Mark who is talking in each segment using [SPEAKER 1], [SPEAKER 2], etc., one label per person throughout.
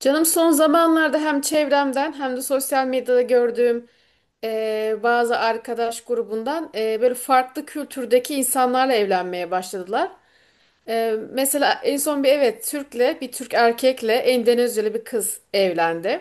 [SPEAKER 1] Canım son zamanlarda hem çevremden hem de sosyal medyada gördüğüm bazı arkadaş grubundan böyle farklı kültürdeki insanlarla evlenmeye başladılar. Mesela en son bir evet Türk erkekle Endonezyalı bir kız evlendi.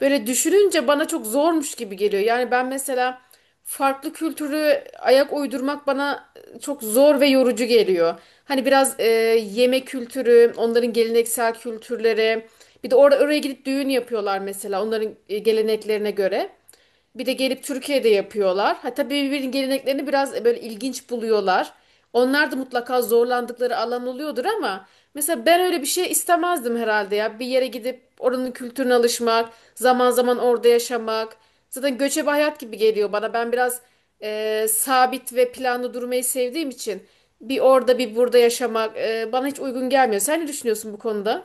[SPEAKER 1] Böyle düşününce bana çok zormuş gibi geliyor. Yani ben mesela farklı kültürü ayak uydurmak bana çok zor ve yorucu geliyor. Hani biraz yemek kültürü, onların geleneksel kültürleri. Bir de oraya gidip düğün yapıyorlar mesela onların geleneklerine göre. Bir de gelip Türkiye'de yapıyorlar. Ha, tabii birbirinin geleneklerini biraz böyle ilginç buluyorlar. Onlar da mutlaka zorlandıkları alan oluyordur ama mesela ben öyle bir şey istemezdim herhalde ya. Bir yere gidip oranın kültürüne alışmak, zaman zaman orada yaşamak. Zaten göçebe hayat gibi geliyor bana. Ben biraz sabit ve planlı durmayı sevdiğim için bir orada bir burada yaşamak bana hiç uygun gelmiyor. Sen ne düşünüyorsun bu konuda?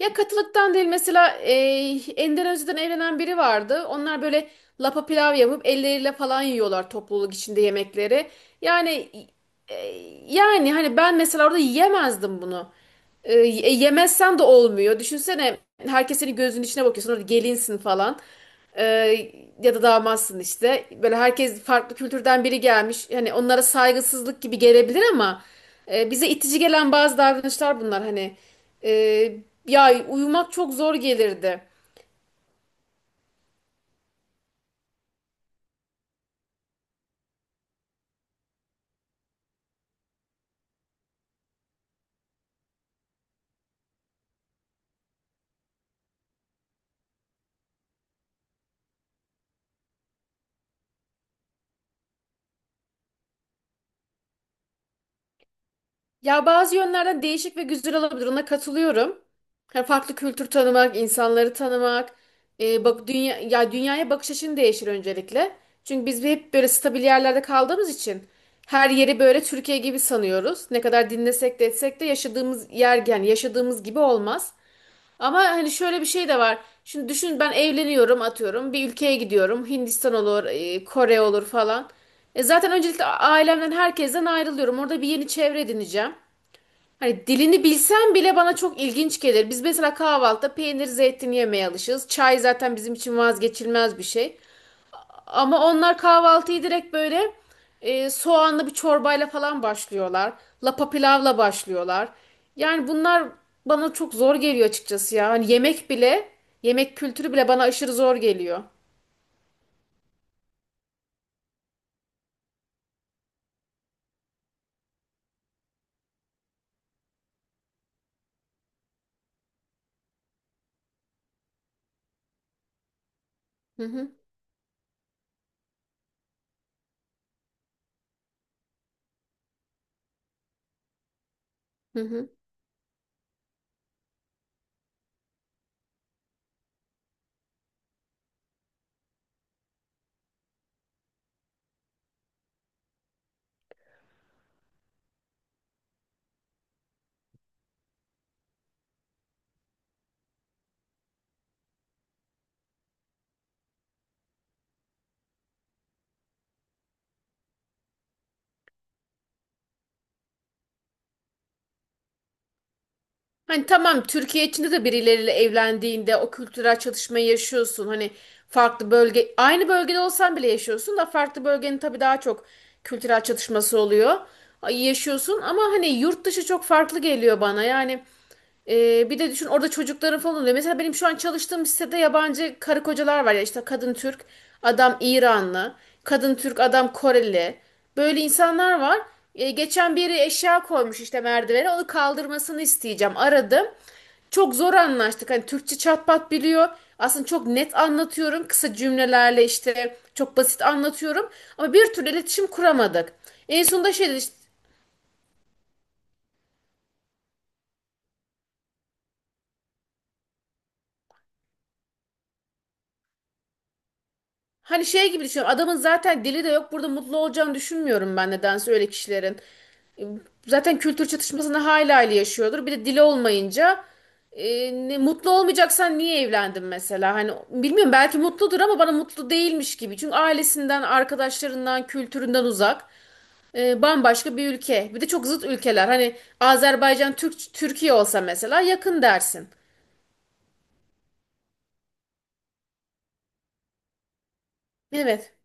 [SPEAKER 1] Ya katılıktan değil mesela Endonezya'dan evlenen biri vardı. Onlar böyle lapa pilav yapıp elleriyle falan yiyorlar topluluk içinde yemekleri. Yani e, hani ben mesela orada yiyemezdim bunu. Ee, E, Yemezsen de olmuyor. Düşünsene herkes senin gözünün içine bakıyor. Sonra gelinsin falan. E, Ya da damatsın işte. Böyle herkes farklı kültürden biri gelmiş. Hani onlara saygısızlık gibi gelebilir ama bize itici gelen bazı davranışlar bunlar. Hani e, ya uyumak çok zor gelirdi. Ya bazı yönlerden değişik ve güzel olabilir. Ona katılıyorum. Hani farklı kültür tanımak, insanları tanımak, bak dünyaya bakış açın değişir öncelikle. Çünkü biz hep böyle stabil yerlerde kaldığımız için her yeri böyle Türkiye gibi sanıyoruz. Ne kadar dinlesek de etsek de yaşadığımız yer yani yaşadığımız gibi olmaz. Ama hani şöyle bir şey de var. Şimdi düşün ben evleniyorum, atıyorum bir ülkeye gidiyorum. Hindistan olur, Kore olur falan. E zaten öncelikle ailemden herkesten ayrılıyorum. Orada bir yeni çevre edineceğim. Hani dilini bilsem bile bana çok ilginç gelir. Biz mesela kahvaltıda peynir, zeytin yemeye alışığız. Çay zaten bizim için vazgeçilmez bir şey. Ama onlar kahvaltıyı direkt böyle soğanlı bir çorbayla falan başlıyorlar. Lapa pilavla başlıyorlar. Yani bunlar bana çok zor geliyor açıkçası ya. Hani yemek kültürü bile bana aşırı zor geliyor. Hı hı. Hı hı. Hani tamam, Türkiye içinde de birileriyle evlendiğinde o kültürel çatışmayı yaşıyorsun. Hani farklı bölge aynı bölgede olsan bile yaşıyorsun da farklı bölgenin tabii daha çok kültürel çatışması oluyor. Ay, yaşıyorsun ama hani yurt dışı çok farklı geliyor bana. Yani bir de düşün orada çocukların falan oluyor. Mesela benim şu an çalıştığım sitede yabancı karı kocalar var ya, işte kadın Türk, adam İranlı, kadın Türk, adam Koreli. Böyle insanlar var. Geçen biri eşya koymuş işte merdivene. Onu kaldırmasını isteyeceğim. Aradım. Çok zor anlaştık. Hani Türkçe çatpat biliyor. Aslında çok net anlatıyorum. Kısa cümlelerle işte çok basit anlatıyorum. Ama bir türlü iletişim kuramadık. En sonunda şey dedi işte, hani şey gibi düşünüyorum. Adamın zaten dili de yok. Burada mutlu olacağını düşünmüyorum ben nedense öyle kişilerin. Zaten kültür çatışmasını hayli hayli yaşıyordur. Bir de dili olmayınca mutlu olmayacaksan niye evlendin mesela? Hani bilmiyorum, belki mutludur ama bana mutlu değilmiş gibi. Çünkü ailesinden, arkadaşlarından, kültüründen uzak. Bambaşka bir ülke. Bir de çok zıt ülkeler. Hani Azerbaycan Türk Türkiye olsa mesela yakın dersin. Evet.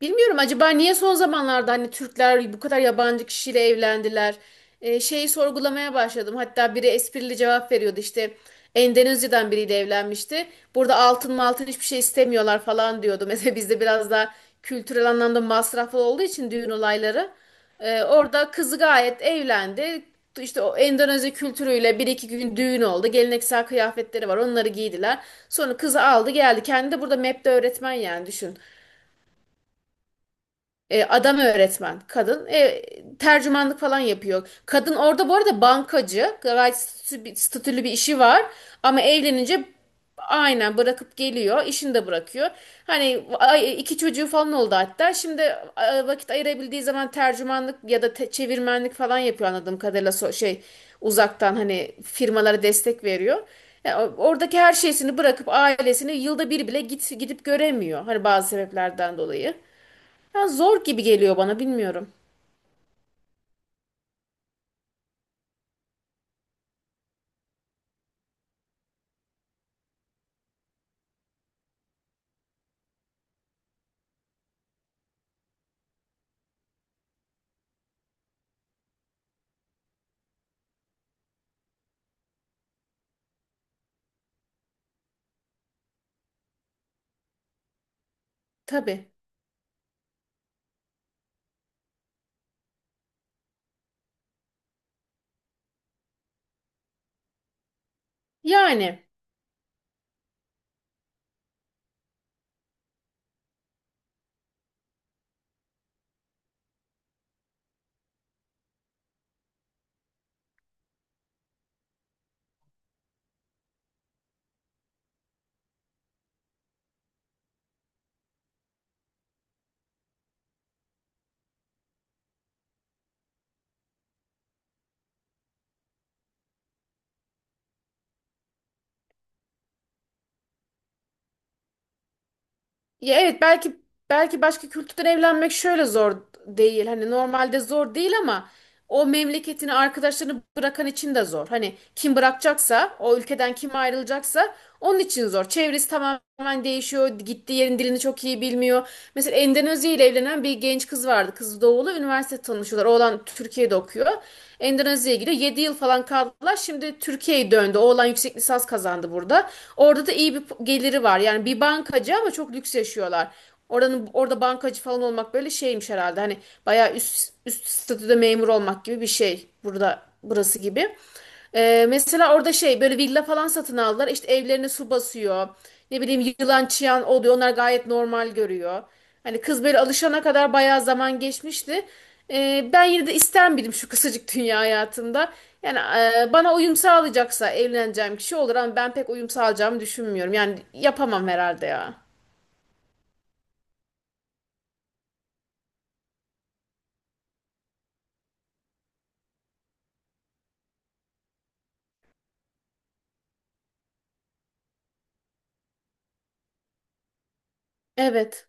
[SPEAKER 1] Bilmiyorum, acaba niye son zamanlarda hani Türkler bu kadar yabancı kişiyle evlendiler? Şeyi sorgulamaya başladım. Hatta biri esprili cevap veriyordu işte, Endonezya'dan biriyle evlenmişti. Burada altın maltın hiçbir şey istemiyorlar falan diyordu. Mesela bizde biraz daha kültürel anlamda masraflı olduğu için düğün olayları. Orada kızı gayet evlendi. İşte o Endonezya kültürüyle bir iki gün düğün oldu. Geleneksel kıyafetleri var, onları giydiler. Sonra kızı aldı geldi. Kendi de burada MEP'te öğretmen, yani düşün. E, adam öğretmen, kadın tercümanlık falan yapıyor. Kadın orada bu arada bankacı, gayet statülü bir işi var ama evlenince aynen bırakıp geliyor, işini de bırakıyor. Hani iki çocuğu falan oldu hatta. Şimdi vakit ayırabildiği zaman tercümanlık ya da çevirmenlik falan yapıyor anladığım kadarıyla, uzaktan hani firmalara destek veriyor. Yani oradaki her şeysini bırakıp ailesini yılda bir bile gidip göremiyor. Hani bazı sebeplerden dolayı. Ya zor gibi geliyor bana, bilmiyorum. Tabii. Yani ya evet, belki başka kültürden evlenmek şöyle zor değil. Hani normalde zor değil ama o memleketini, arkadaşlarını bırakan için de zor. Hani kim bırakacaksa, o ülkeden kim ayrılacaksa onun için zor. Çevresi tamamen değişiyor. Gittiği yerin dilini çok iyi bilmiyor. Mesela Endonezya ile evlenen bir genç kız vardı. Kız doğulu. Üniversite tanışıyorlar. Oğlan Türkiye'de okuyor. Endonezya'ya gidiyor. 7 yıl falan kaldılar. Şimdi Türkiye'ye döndü. Oğlan yüksek lisans kazandı burada. Orada da iyi bir geliri var. Yani bir bankacı ama çok lüks yaşıyorlar. Orada bankacı falan olmak böyle şeymiş herhalde. Hani bayağı üst statüde memur olmak gibi bir şey. Burada burası gibi. Mesela orada şey böyle villa falan satın aldılar. İşte evlerine su basıyor. Ne bileyim, yılan çıyan oluyor. Onlar gayet normal görüyor. Hani kız böyle alışana kadar bayağı zaman geçmişti. Ben yine de ister miydim şu kısacık dünya hayatında? Yani bana uyum sağlayacaksa evleneceğim kişi olur ama ben pek uyum sağlayacağımı düşünmüyorum. Yani yapamam herhalde ya. Evet.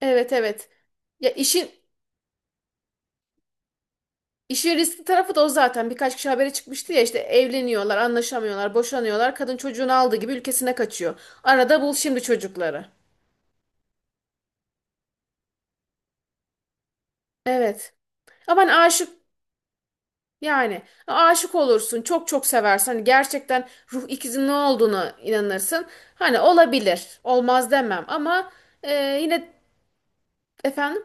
[SPEAKER 1] Evet, evet. Ya işin İşin riskli tarafı da o zaten. Birkaç kişi habere çıkmıştı ya, işte evleniyorlar, anlaşamıyorlar, boşanıyorlar. Kadın çocuğunu aldığı gibi ülkesine kaçıyor. Arada bul şimdi çocukları. Evet. Ama hani aşık Yani aşık olursun, çok çok seversen hani gerçekten ruh ikizinin ne olduğunu inanırsın. Hani olabilir, olmaz demem ama e, yine efendim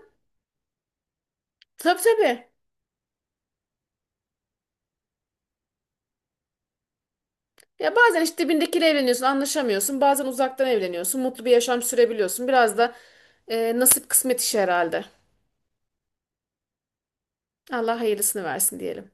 [SPEAKER 1] tabii tabii. Ya bazen işte dibindekiyle evleniyorsun, anlaşamıyorsun. Bazen uzaktan evleniyorsun, mutlu bir yaşam sürebiliyorsun. Biraz da nasip kısmet işi herhalde. Allah hayırlısını versin diyelim.